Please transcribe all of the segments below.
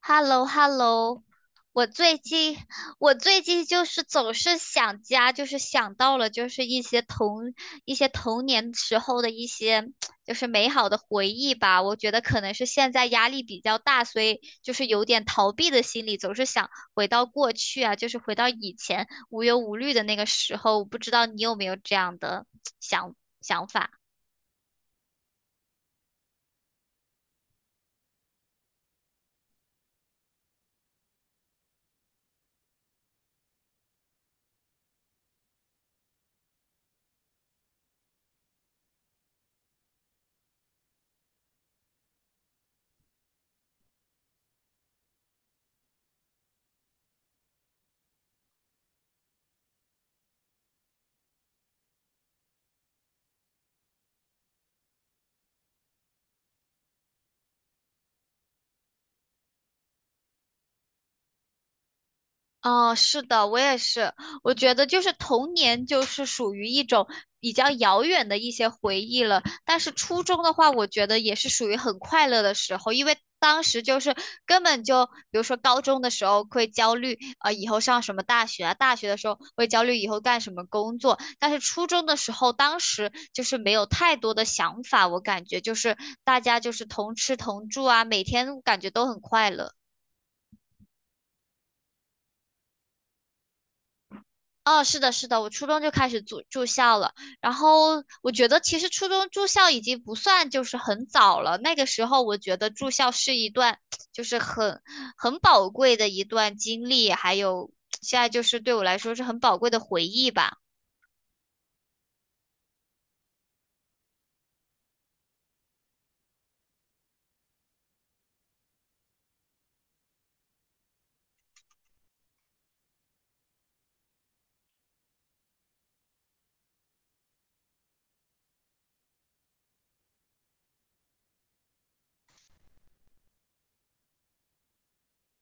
h e l l o h e l l o。 我最近我最近就是总是想家，就是想到了就是一些童年时候的一些就是美好的回忆吧。我觉得可能是现在压力比较大，所以就是有点逃避的心理，总是想回到过去啊，就是回到以前无忧无虑的那个时候。我不知道你有没有这样的 想想法。哦，是的，我也是。我觉得就是童年，就是属于一种比较遥远的一些回忆了。但是初中的话，我觉得也是属于很快乐的时候，因为当时就是根本就，比如说高中的时候会焦虑，以后上什么大学啊，大学的时候会焦虑以后干什么工作。但是初中的时候，当时就是没有太多的想法，我感觉就是大家就是同吃同住啊，每天感觉都很快乐。哦，是的，是的，我初中就开始住校了。然后我觉得，其实初中住校已经不算就是很早了。那个时候，我觉得住校是一段就是很宝贵的一段经历，还有现在就是对我来说是很宝贵的回忆吧。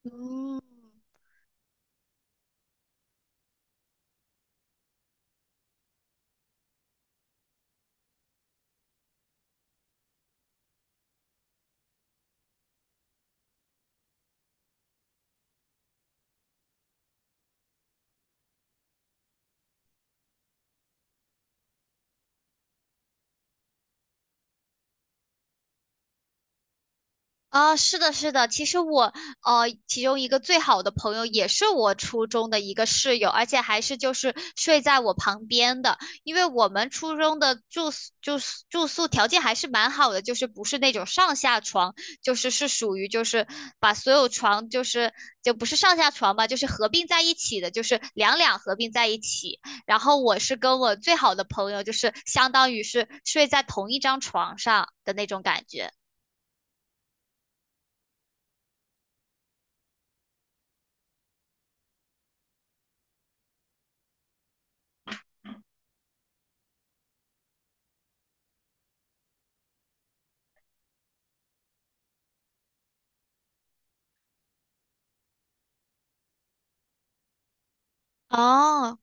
嗯。啊，是的，是的。其实我，其中一个最好的朋友也是我初中的一个室友，而且还是就是睡在我旁边的。因为我们初中的住宿条件还是蛮好的，就是不是那种上下床，就是是属于就是把所有床就是就不是上下床吧，就是合并在一起的，就是两两合并在一起。然后我是跟我最好的朋友，就是相当于是睡在同一张床上的那种感觉。哦。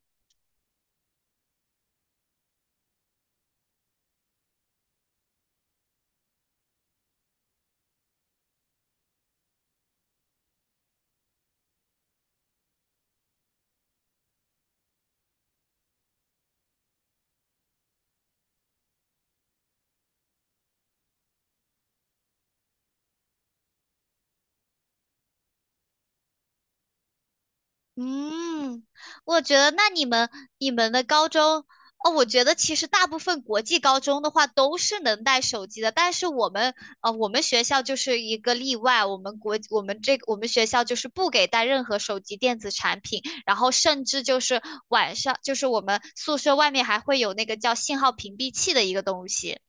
嗯，我觉得那你们你们的高中哦，我觉得其实大部分国际高中的话都是能带手机的，但是我们我们学校就是一个例外，我们国我们这我们学校就是不给带任何手机电子产品，然后甚至就是晚上就是我们宿舍外面还会有那个叫信号屏蔽器的一个东西。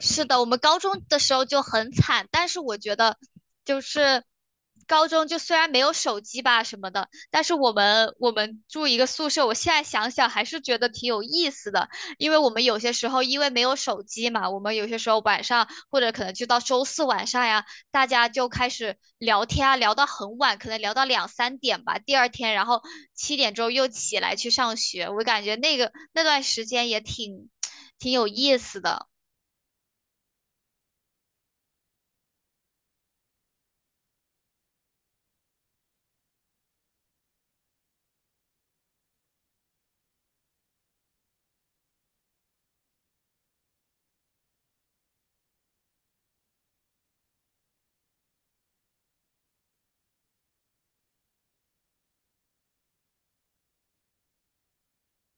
是的，我们高中的时候就很惨，但是我觉得就是高中就虽然没有手机吧什么的，但是我们住一个宿舍，我现在想想还是觉得挺有意思的，因为我们有些时候因为没有手机嘛，我们有些时候晚上或者可能就到周四晚上呀，大家就开始聊天啊，聊到很晚，可能聊到两三点吧，第二天然后七点钟又起来去上学，我感觉那个那段时间也挺 挺有意思的。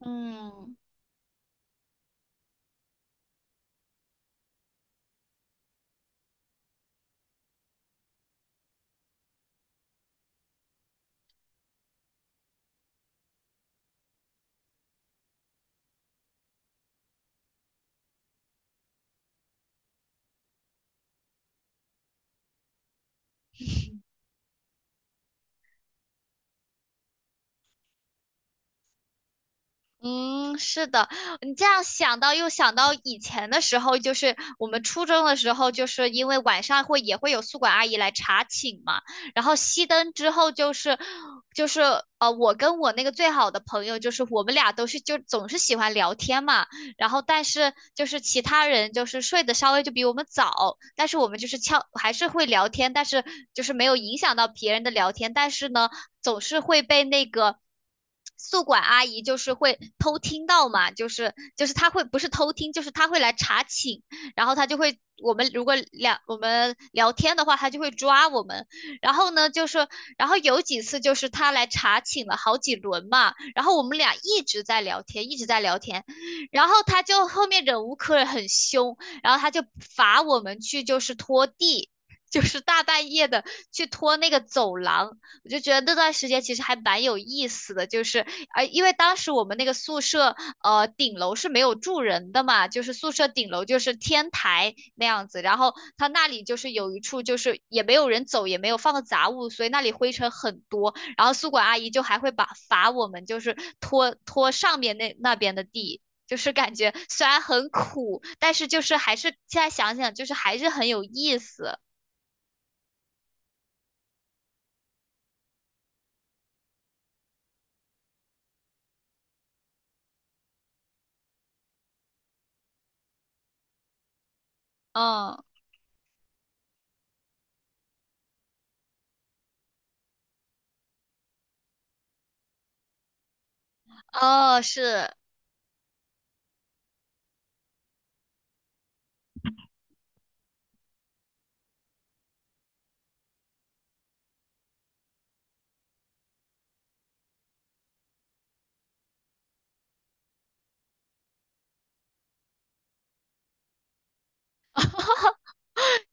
嗯嗯，是的，你这样想到又想到以前的时候，就是我们初中的时候，就是因为晚上会也会有宿管阿姨来查寝嘛，然后熄灯之后就是我跟我那个最好的朋友，就是我们俩都是就总是喜欢聊天嘛，然后但是就是其他人就是睡得稍微就比我们早，但是我们就是悄还是会聊天，但是就是没有影响到别人的聊天，但是呢，总是会被那个。宿管阿姨就是会偷听到嘛，就是她会不是偷听，就是她会来查寝，然后她就会我们如果两我们聊天的话，她就会抓我们。然后呢，就是然后有几次就是她来查寝了好几轮嘛，然后我们俩一直在聊天，一直在聊天，然后他就后面忍无可忍，很凶，然后他就罚我们去就是拖地，就是大半夜的去拖那个走廊。我就觉得那段时间其实还蛮有意思的，因为当时我们那个宿舍顶楼是没有住人的嘛，就是宿舍顶楼就是天台那样子，然后他那里就是有一处就是也没有人走，也没有放的杂物，所以那里灰尘很多。然后宿管阿姨就还会把罚我们就是拖上面那边的地，就是感觉虽然很苦，但是就是还是现在想想，就是还是很有意思。嗯。哦，是。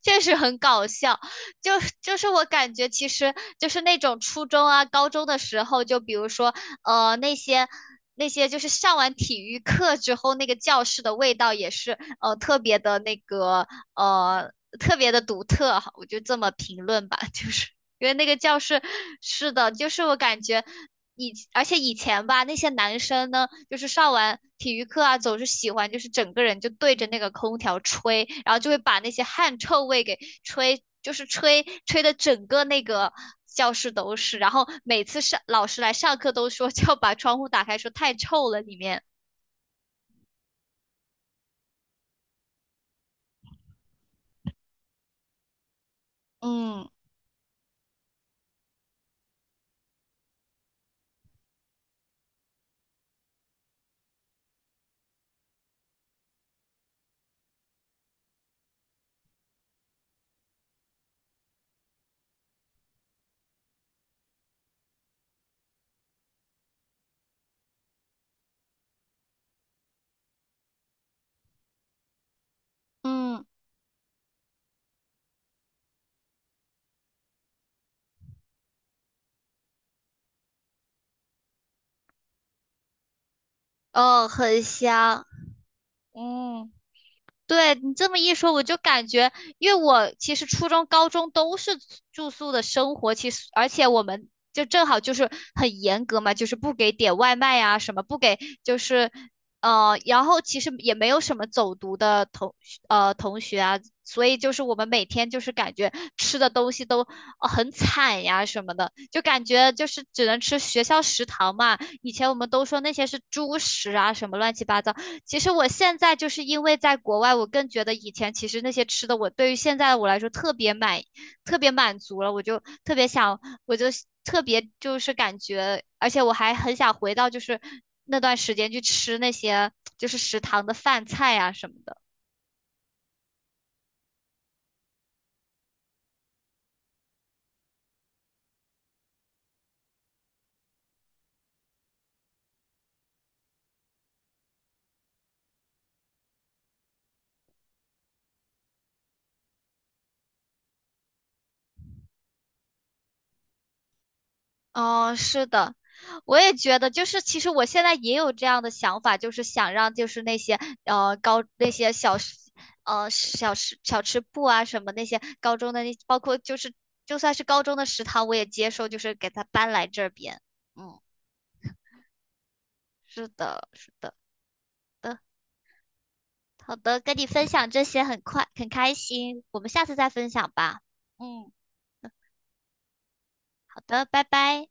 确实很搞笑。就就是我感觉，其实就是那种初中啊、高中的时候，就比如说那些。那些就是上完体育课之后，那个教室的味道也是呃特别的独特，我就这么评论吧，就是因为那个教室是的，就是我感觉以而且以前吧，那些男生呢。就是上完体育课啊，总是喜欢就是整个人就对着那个空调吹，然后就会把那些汗臭味给吹，就是吹的整个那个教室都是。然后每次上老师来上课都说 就要把窗户打开，说太臭了里面。嗯嗯，哦，很香。嗯。对你这么一说，我就感觉，因为我其实初中、高中都是住宿的生活，其实而且我们就正好就是很严格嘛，就是不给点外卖啊什么不给，就是然后其实也没有什么走读的同学啊，所以就是我们每天就是感觉吃的东西都、很惨呀什么的，就感觉就是只能吃学校食堂嘛。以前我们都说那些是猪食啊，什么乱七八糟。其实我现在就是因为在国外，我更觉得以前其实那些吃的，我对于现在的我来说特别满，特别满足了，我就特别想，我就特别就是感觉，而且我还很想回到就是那段时间去吃那些就是食堂的饭菜啊什么的。哦，是的，我也觉得，就是其实我现在也有这样的想法，就是想让就是那些呃高那些小吃呃小吃小吃部啊什么那些高中的那包括就是就算是高中的食堂我也接受，就是给他搬来这边。嗯。是的，是的，的，好的，跟你分享这些很快很开心，我们下次再分享吧。嗯。好的，拜拜。